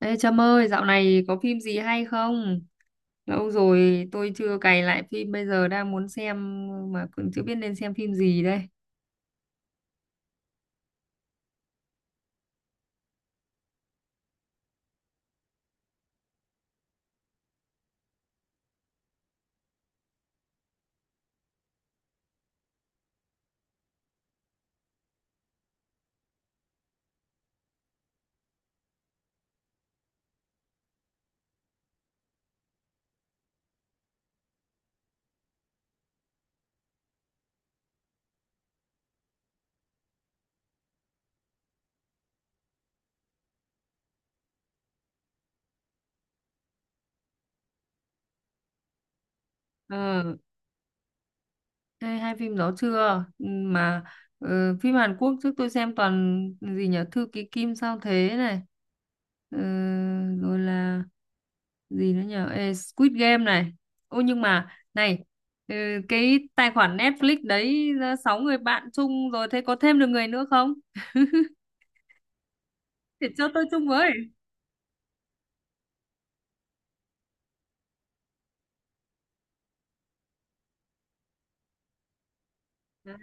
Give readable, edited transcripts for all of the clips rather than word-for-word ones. Ê Trâm ơi, dạo này có phim gì hay không? Lâu rồi tôi chưa cày lại phim, bây giờ đang muốn xem mà cũng chưa biết nên xem phim gì đây. Ờ, ê, hai phim đó chưa? Ừ. Phim Hàn Quốc trước tôi xem toàn gì nhỉ? Thư ký Kim sao thế này. Ờ, rồi là gì nữa nhỉ? Ê, Squid Game này. Ô nhưng mà này ờ, cái tài khoản Netflix đấy sáu người bạn chung rồi, thế có thêm được người nữa không? Để cho tôi chung với. À,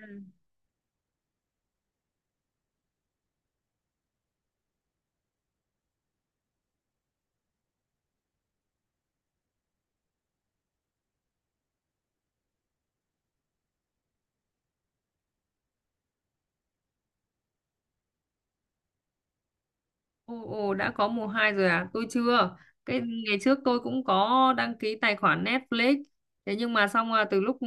ồ, đã có mùa 2 rồi à? Tôi chưa. Cái ngày trước tôi cũng có đăng ký tài khoản Netflix. Thế nhưng mà xong là từ lúc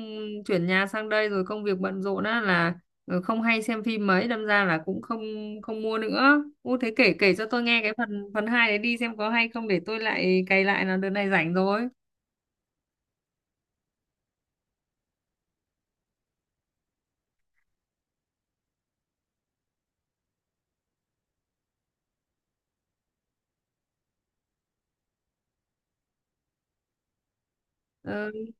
chuyển nhà sang đây rồi công việc bận rộn á là ừ, không hay xem phim mấy, đâm ra là cũng không, không mua nữa. Ô thế kể kể cho tôi nghe cái phần phần 2 đấy đi, xem có hay không để tôi lại cày lại, là đợt này rảnh rồi. Ừ.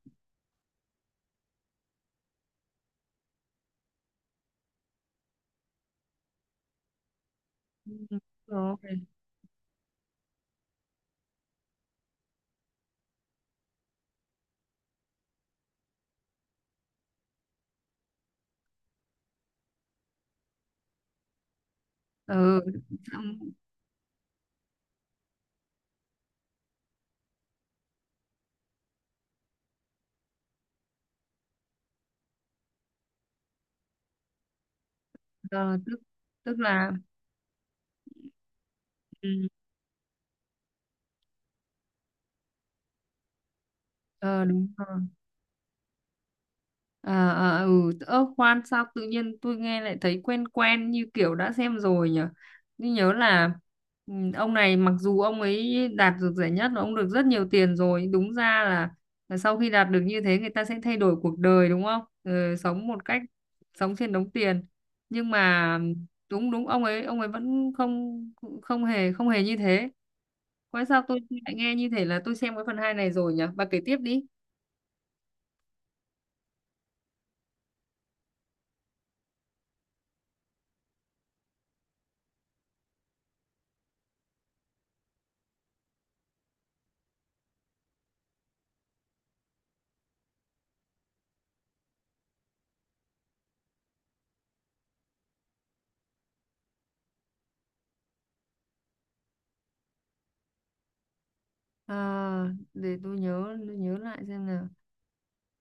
Rồi. Ừ. Xong, ờ, tức tức là ừ, ờ, đúng rồi. Ờ ờ ừ, ơ khoan sao tự nhiên tôi nghe lại thấy quen quen như kiểu đã xem rồi nhỉ? Tôi nhớ là ừ, ông này mặc dù ông ấy đạt được giải nhất và ông được rất nhiều tiền rồi, đúng ra là sau khi đạt được như thế người ta sẽ thay đổi cuộc đời đúng không? Ừ, sống một cách sống trên đống tiền. Nhưng mà đúng, đúng ông ấy, ông ấy vẫn không, không hề như thế. Quái sao tôi lại nghe như thế là tôi xem cái phần hai này rồi nhỉ? Bà kể tiếp đi. À, để tôi nhớ, tôi nhớ lại xem nào.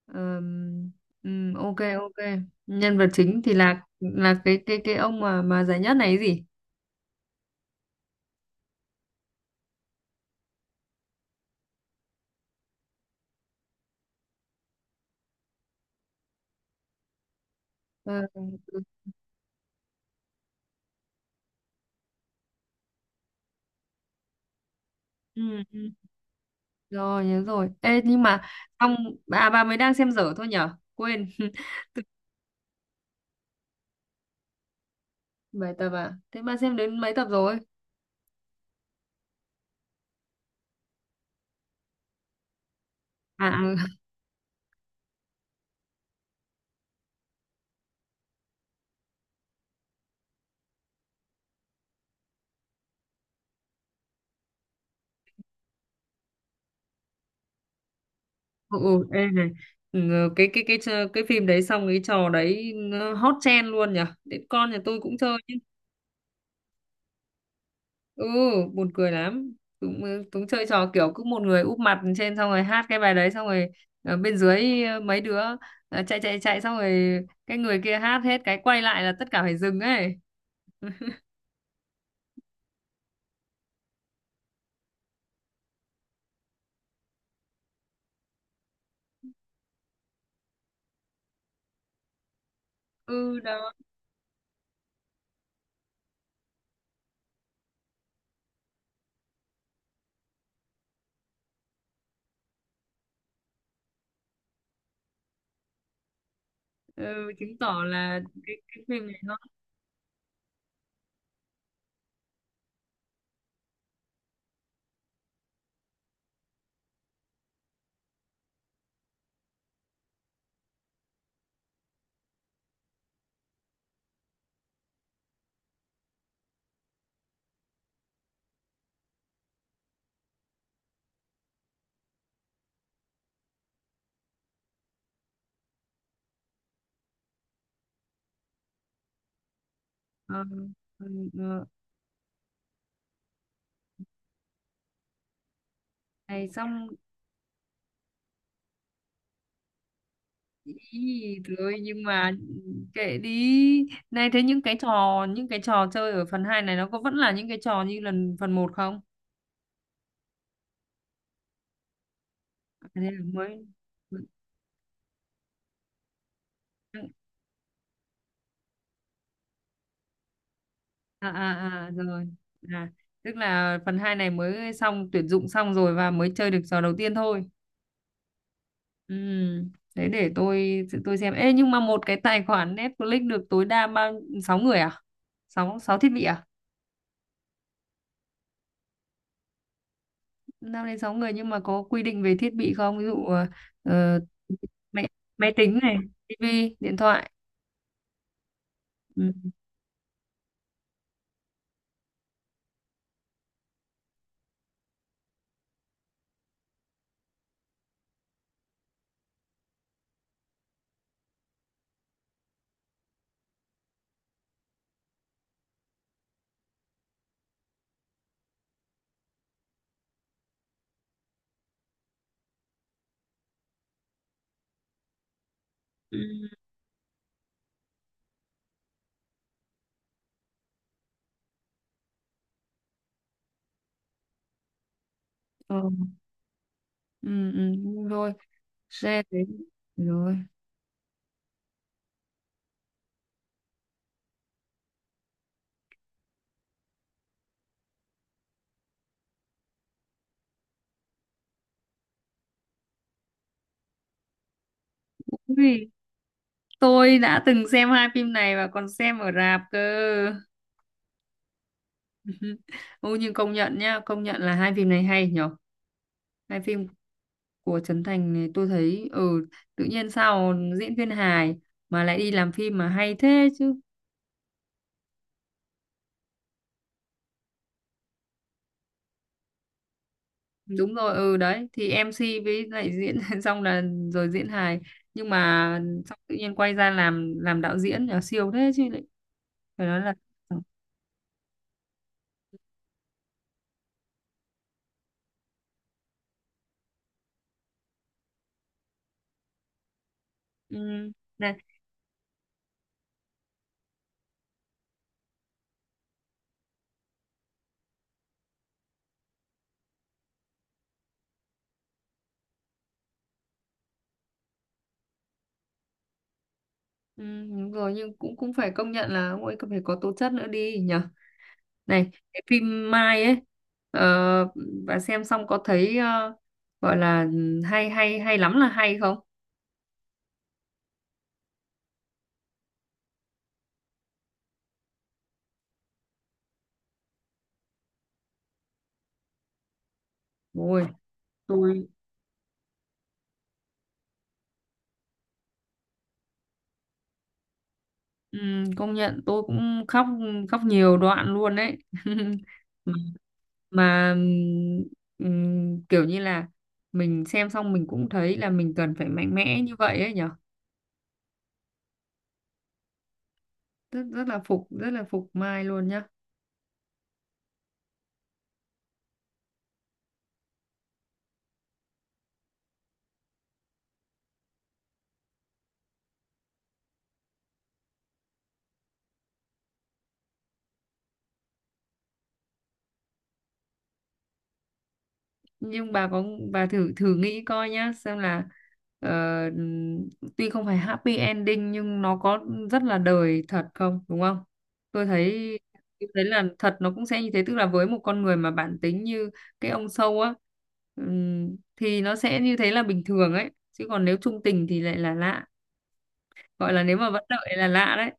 Ờm, ok ok, nhân vật chính thì là cái cái ông mà giải nhất này ấy gì. Ờ, ừ, ừ, ừ, rồi nhớ rồi. Ê nhưng mà xong bà mới đang xem dở thôi nhở, quên bài tập à, thế bà xem đến mấy tập rồi? À à, ừ, ừ, ê này, ừ, cái trò- cái phim đấy xong cái trò đấy nó hot trend luôn nhở, đến con nhà tôi cũng chơi. Ừ, buồn cười lắm, cũng cũng chơi trò kiểu cứ một người úp mặt trên xong rồi hát cái bài đấy, xong rồi ở bên dưới mấy đứa chạy chạy chạy, xong rồi cái người kia hát hết cái quay lại là tất cả phải dừng ấy. Ừ đó. Ừ, chứng tỏ là cái phim này nó ờ, ừ, ừ. Này xong, ý rồi nhưng mà kệ đi. Này, thế những cái trò, những cái trò chơi ở phần 2 này nó có vẫn là những cái trò như lần phần một không? À, thế là mới à, à, à rồi, à tức là phần 2 này mới xong tuyển dụng xong rồi và mới chơi được trò đầu tiên thôi. Ừ, thế để tôi xem. Ê nhưng mà một cái tài khoản Netflix được tối đa bao sáu người à? Sáu sáu thiết bị à? Năm đến sáu người nhưng mà có quy định về thiết bị không, ví dụ ờ, máy, máy tính này, tivi, điện thoại. Ừ. Ừ. Ừ. Ừ, ừ, rồi, xe thế, rồi. Ui, tôi đã từng xem hai phim này và còn xem ở rạp cơ. Ô nhưng công nhận nhá, công nhận là hai phim này hay nhở. Hai phim của Trấn Thành này tôi thấy ừ, tự nhiên sao diễn viên hài mà lại đi làm phim mà hay thế chứ. Đúng rồi, ừ đấy, thì MC với lại diễn xong là rồi diễn hài, nhưng mà xong tự nhiên quay ra làm đạo diễn là siêu thế chứ lại, phải nói là ừ, này ừ, đúng rồi, nhưng cũng cũng phải công nhận là ông ấy cần phải có tố chất nữa đi nhỉ. Này, cái phim Mai ấy, ờ, bà xem xong có thấy gọi là ừ, hay hay hay lắm là hay không? Ôi, tôi công nhận tôi cũng khóc, khóc nhiều đoạn luôn đấy. Mà mà, kiểu như là mình xem xong mình cũng thấy là mình cần phải mạnh mẽ như vậy ấy nhở. Rất rất là phục Mai luôn nhá. Nhưng bà có, bà thử thử nghĩ coi nhá, xem là ờ, tuy không phải happy ending nhưng nó có rất là đời thật không, đúng không? Tôi thấy, tôi thấy là thật nó cũng sẽ như thế, tức là với một con người mà bản tính như cái ông sâu á, thì nó sẽ như thế là bình thường ấy chứ, còn nếu trung tình thì lại là lạ, gọi là nếu mà vẫn đợi là lạ đấy,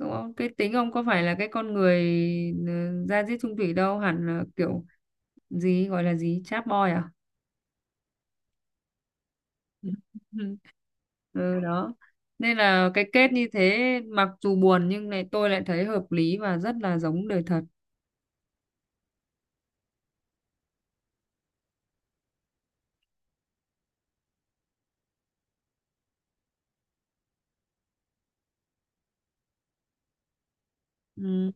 đúng không? Cái tính ông có phải là cái con người ừ, ra diết chung thủy đâu, hẳn là kiểu gì gọi là gì, chap boy à? Ừ đó, nên là cái kết như thế mặc dù buồn nhưng này tôi lại thấy hợp lý và rất là giống đời thật. Ừ.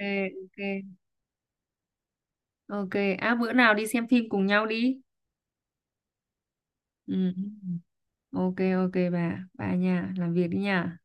Ok, ok, ok, à bữa nào đi xem phim cùng nhau đi. Ừ. Ok, ok bà nha, làm việc đi nha.